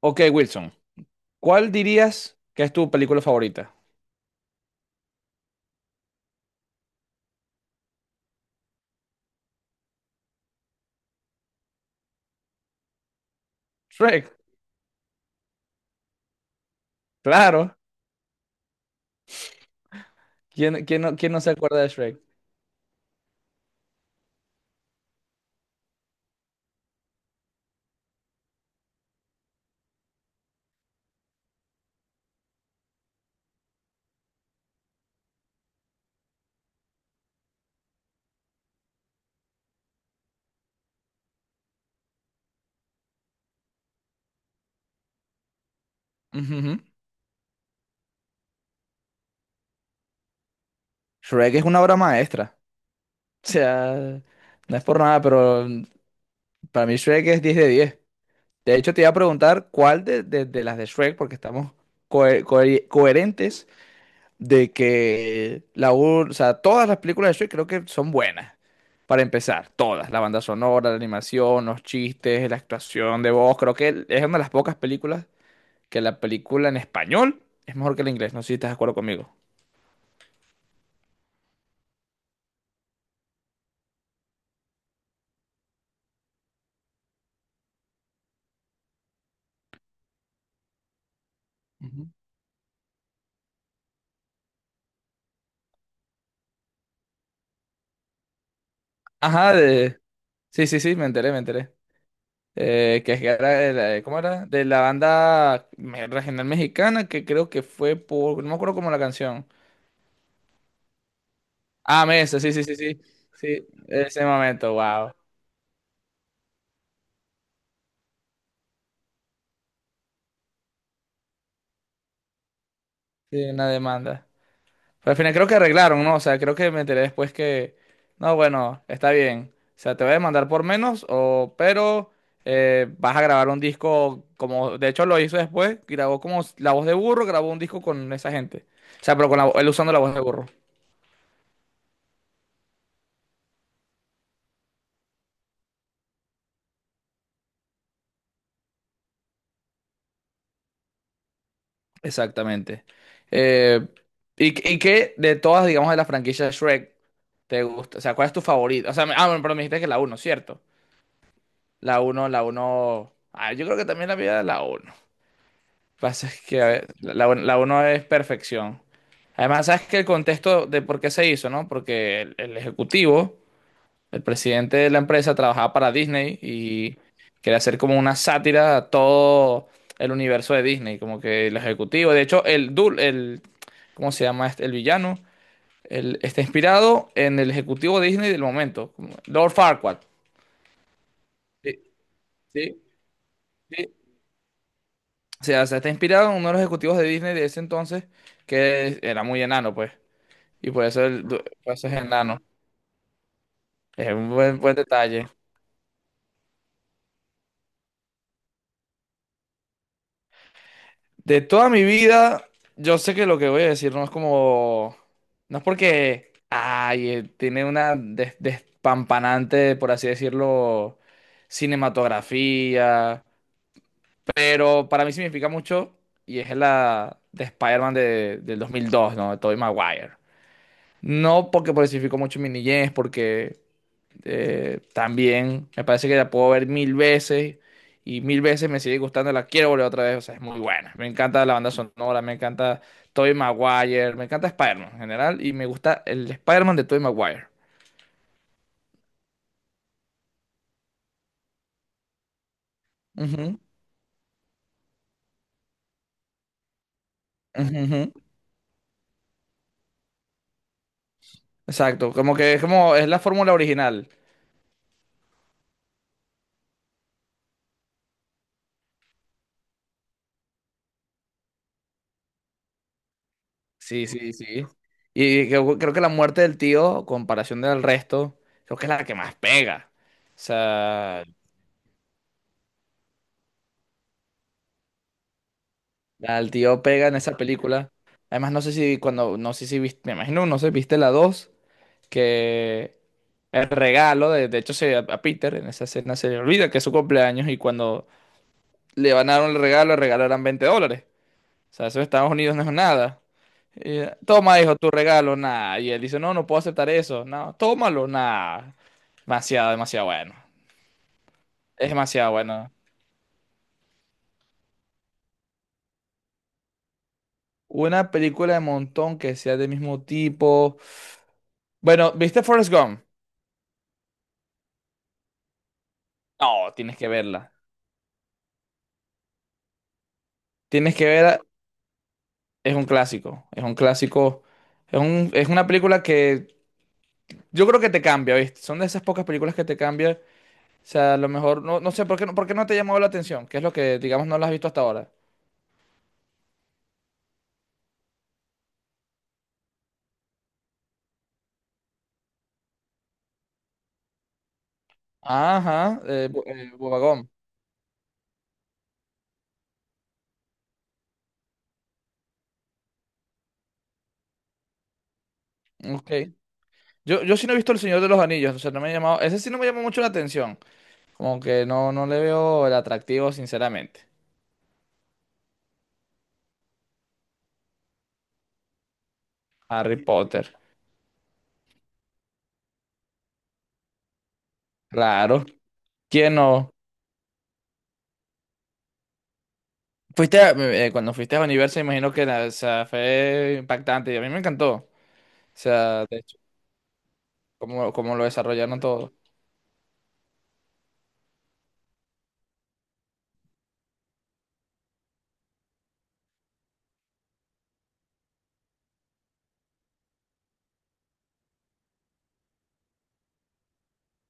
Ok, Wilson, ¿cuál dirías que es tu película favorita? Shrek, claro. ¿Quién no se acuerda de Shrek? Ujujú. Shrek es una obra maestra. O sea, no es por nada, pero para mí Shrek es 10. De hecho, te iba a preguntar cuál de las de Shrek, porque estamos coherentes de que o sea, todas las películas de Shrek creo que son buenas. Para empezar, todas, la banda sonora, la animación, los chistes, la actuación de voz, creo que es una de las pocas películas que la película en español es mejor que la inglés. No sé si estás de acuerdo conmigo. Ujú. Ajá, de... Sí, sí, sí, me enteré. Que era de la, de, ¿cómo era? De la banda regional mexicana que creo que fue por... no me acuerdo cómo la canción. Ah, Mesa, sí, sí, sí, sí. Sí, ese momento, wow. Sí, una demanda. Pero al final creo que arreglaron, ¿no? O sea, creo que me enteré después que, no, bueno, está bien. O sea, te voy a demandar por menos, o, pero vas a grabar un disco como, de hecho lo hizo después, grabó como la voz de burro, grabó un disco con esa gente. O sea, pero con él usando la voz de burro. Exactamente. Eh, y, y qué de todas, digamos, de la franquicia Shrek, ¿te gusta? O sea, ¿cuál es tu favorito? O sea, ah, bueno, pero me dijiste que la uno, ¿cierto? La uno. Ah, yo creo que también la vida de la uno. Pasa es que a ver, la uno es perfección. Además, sabes que el contexto de por qué se hizo, ¿no? Porque el ejecutivo, el presidente de la empresa, trabajaba para Disney y quería hacer como una sátira a todo el universo de Disney, como que el ejecutivo. De hecho, ¿cómo se llama este? El villano, está inspirado en el ejecutivo de Disney del momento, como Lord Farquaad. Sí, sí, sí. O sea, se está inspirado en uno de los ejecutivos de Disney de ese entonces, que era muy enano, pues. Y por eso es enano. Es un buen detalle. De toda mi vida, yo sé que lo que voy a decir no es como... no es porque... ay, tiene una despampanante, por así decirlo, cinematografía. Pero para mí significa mucho y es la de Spider-Man de, del dos mil dos, ¿no? De Tobey Maguire. No porque por mucho en mi niñez, porque... también me parece que la puedo ver mil veces y mil veces me sigue gustando, la quiero volver otra vez, o sea, es muy buena. Me encanta la banda sonora, me encanta Tobey Maguire, me encanta Spider-Man en general y me gusta el Spider-Man de Tobey Maguire. Ujú, ujú, ujú. Exacto, como que es como es la fórmula original. Sí, sí, sí. Y creo que la muerte del tío, comparación del resto, creo que es la que más pega. O sea, al tío pega en esa película. Además, no sé si viste, me imagino, no sé, viste la 2 que el regalo, de hecho, a Peter en esa escena se le olvida que es su cumpleaños y cuando le van a dar un regalo, el regalo eran $20. O sea, eso en Estados Unidos no es nada. Y, toma, hijo, tu regalo, nada. Y él dice, no, no puedo aceptar eso. No, tómalo, nada. Demasiado, demasiado bueno. Es demasiado bueno. Una película de montón que sea del mismo tipo. Bueno, ¿viste Forrest Gump? No, tienes que verla. Tienes que verla. Es un clásico. Es un clásico. Es una película que yo creo que te cambia, ¿viste? Son de esas pocas películas que te cambian. O sea, a lo mejor, no, no sé, ¿por qué no te llamó la atención? ¿Qué es lo que, digamos, no la has visto hasta ahora? Ajá, Bobagón. Ok. Yo sí no he visto El Señor de los Anillos, o sea, no me ha llamado. Ese sí no me llamó mucho la atención. Como que no, no le veo el atractivo, sinceramente. Harry Potter. Claro. ¿Quién no? Cuando fuiste a Universo, imagino que o sea, fue impactante y a mí me encantó. O sea, de hecho, cómo lo desarrollaron todo.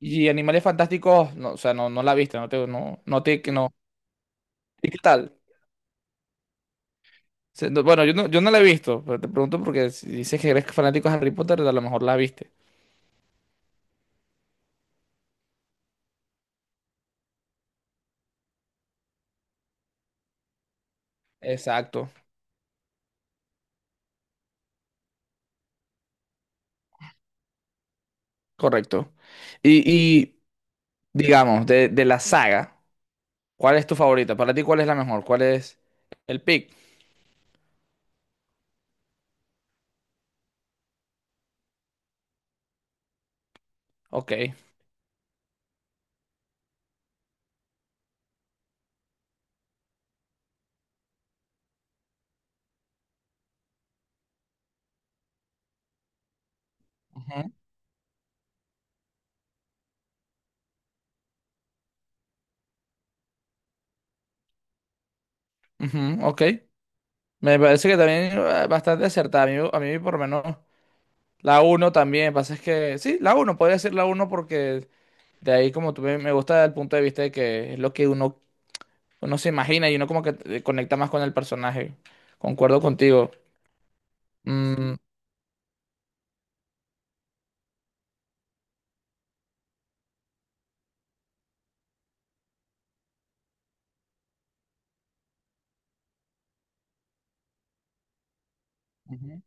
Y Animales Fantásticos, no, o sea, no, no la viste, no te, no, no te, que no. ¿Y qué tal? O sea, bueno, yo no la he visto, pero te pregunto porque si dices que eres fanático de Harry Potter, a lo mejor la viste. Exacto, correcto. Y, y digamos, de la saga, ¿cuál es tu favorita? Para ti, ¿cuál es la mejor? ¿Cuál es el pick? Ok. Ujú, ujú, ok. Me parece que también bastante acertada. A mí por lo menos la uno también. Pasa es que sí, la uno podría ser la uno porque de ahí como tú me gusta el punto de vista de que es lo que uno se imagina y uno como que conecta más con el personaje. Concuerdo contigo. Mm, ujú.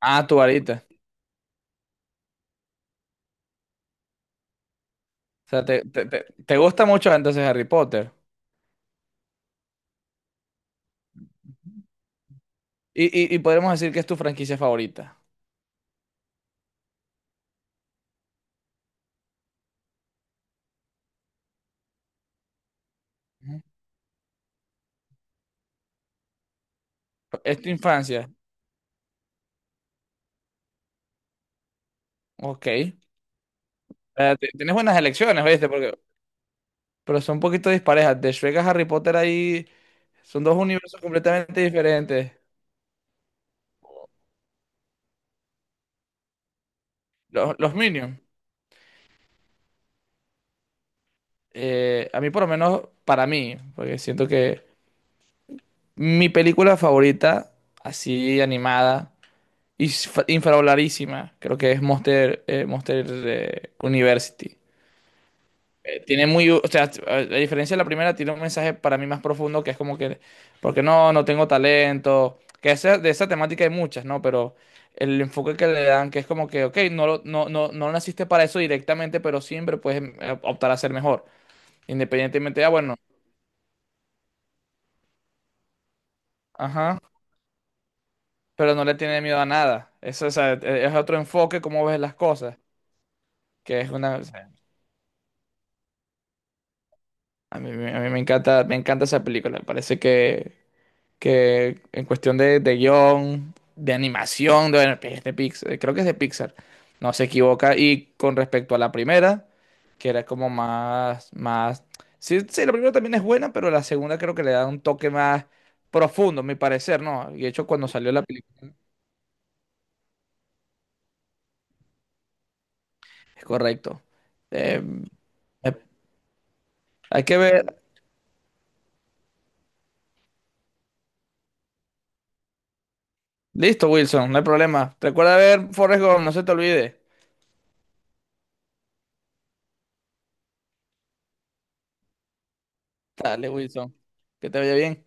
Ah, tu varita. O sea, te gusta mucho entonces Harry Potter. Y, y podemos decir que es tu franquicia favorita. Ujú. Es tu infancia. Ok. Tienes buenas elecciones, ¿viste? Pero son un poquito disparejas. De Shrek a Harry Potter ahí son dos universos completamente diferentes. Los Minions, a mí por lo menos, para mí, porque siento que mi película favorita, así animada, y infravaloradísima, creo que es Monster University. Tiene muy, o sea, a diferencia de la primera, tiene un mensaje para mí más profundo que es como que, porque no, no tengo talento, que de esa temática hay muchas, ¿no? Pero el enfoque que le dan, que es como que, ok, no, no, no, no naciste para eso directamente, pero siempre puedes optar a ser mejor, independientemente de, ah, bueno, ajá, pero no le tiene miedo a nada. Eso, o sea, es otro enfoque, cómo ves las cosas, que es una, o sea, a mí me encanta esa película, me parece que en cuestión de guión, de animación, bueno, es de Pixar, creo que es de Pixar, no se equivoca. Y con respecto a la primera, que era como más, más, sí, sí, la primera también es buena, pero la segunda creo que le da un toque más profundo, a mi parecer, ¿no? Y de hecho cuando salió la película, es correcto. Eh, eh, hay que ver. Listo, Wilson, no hay problema. Recuerda ver Forrest Gump, no se te olvide. Dale, Wilson, que te vaya bien.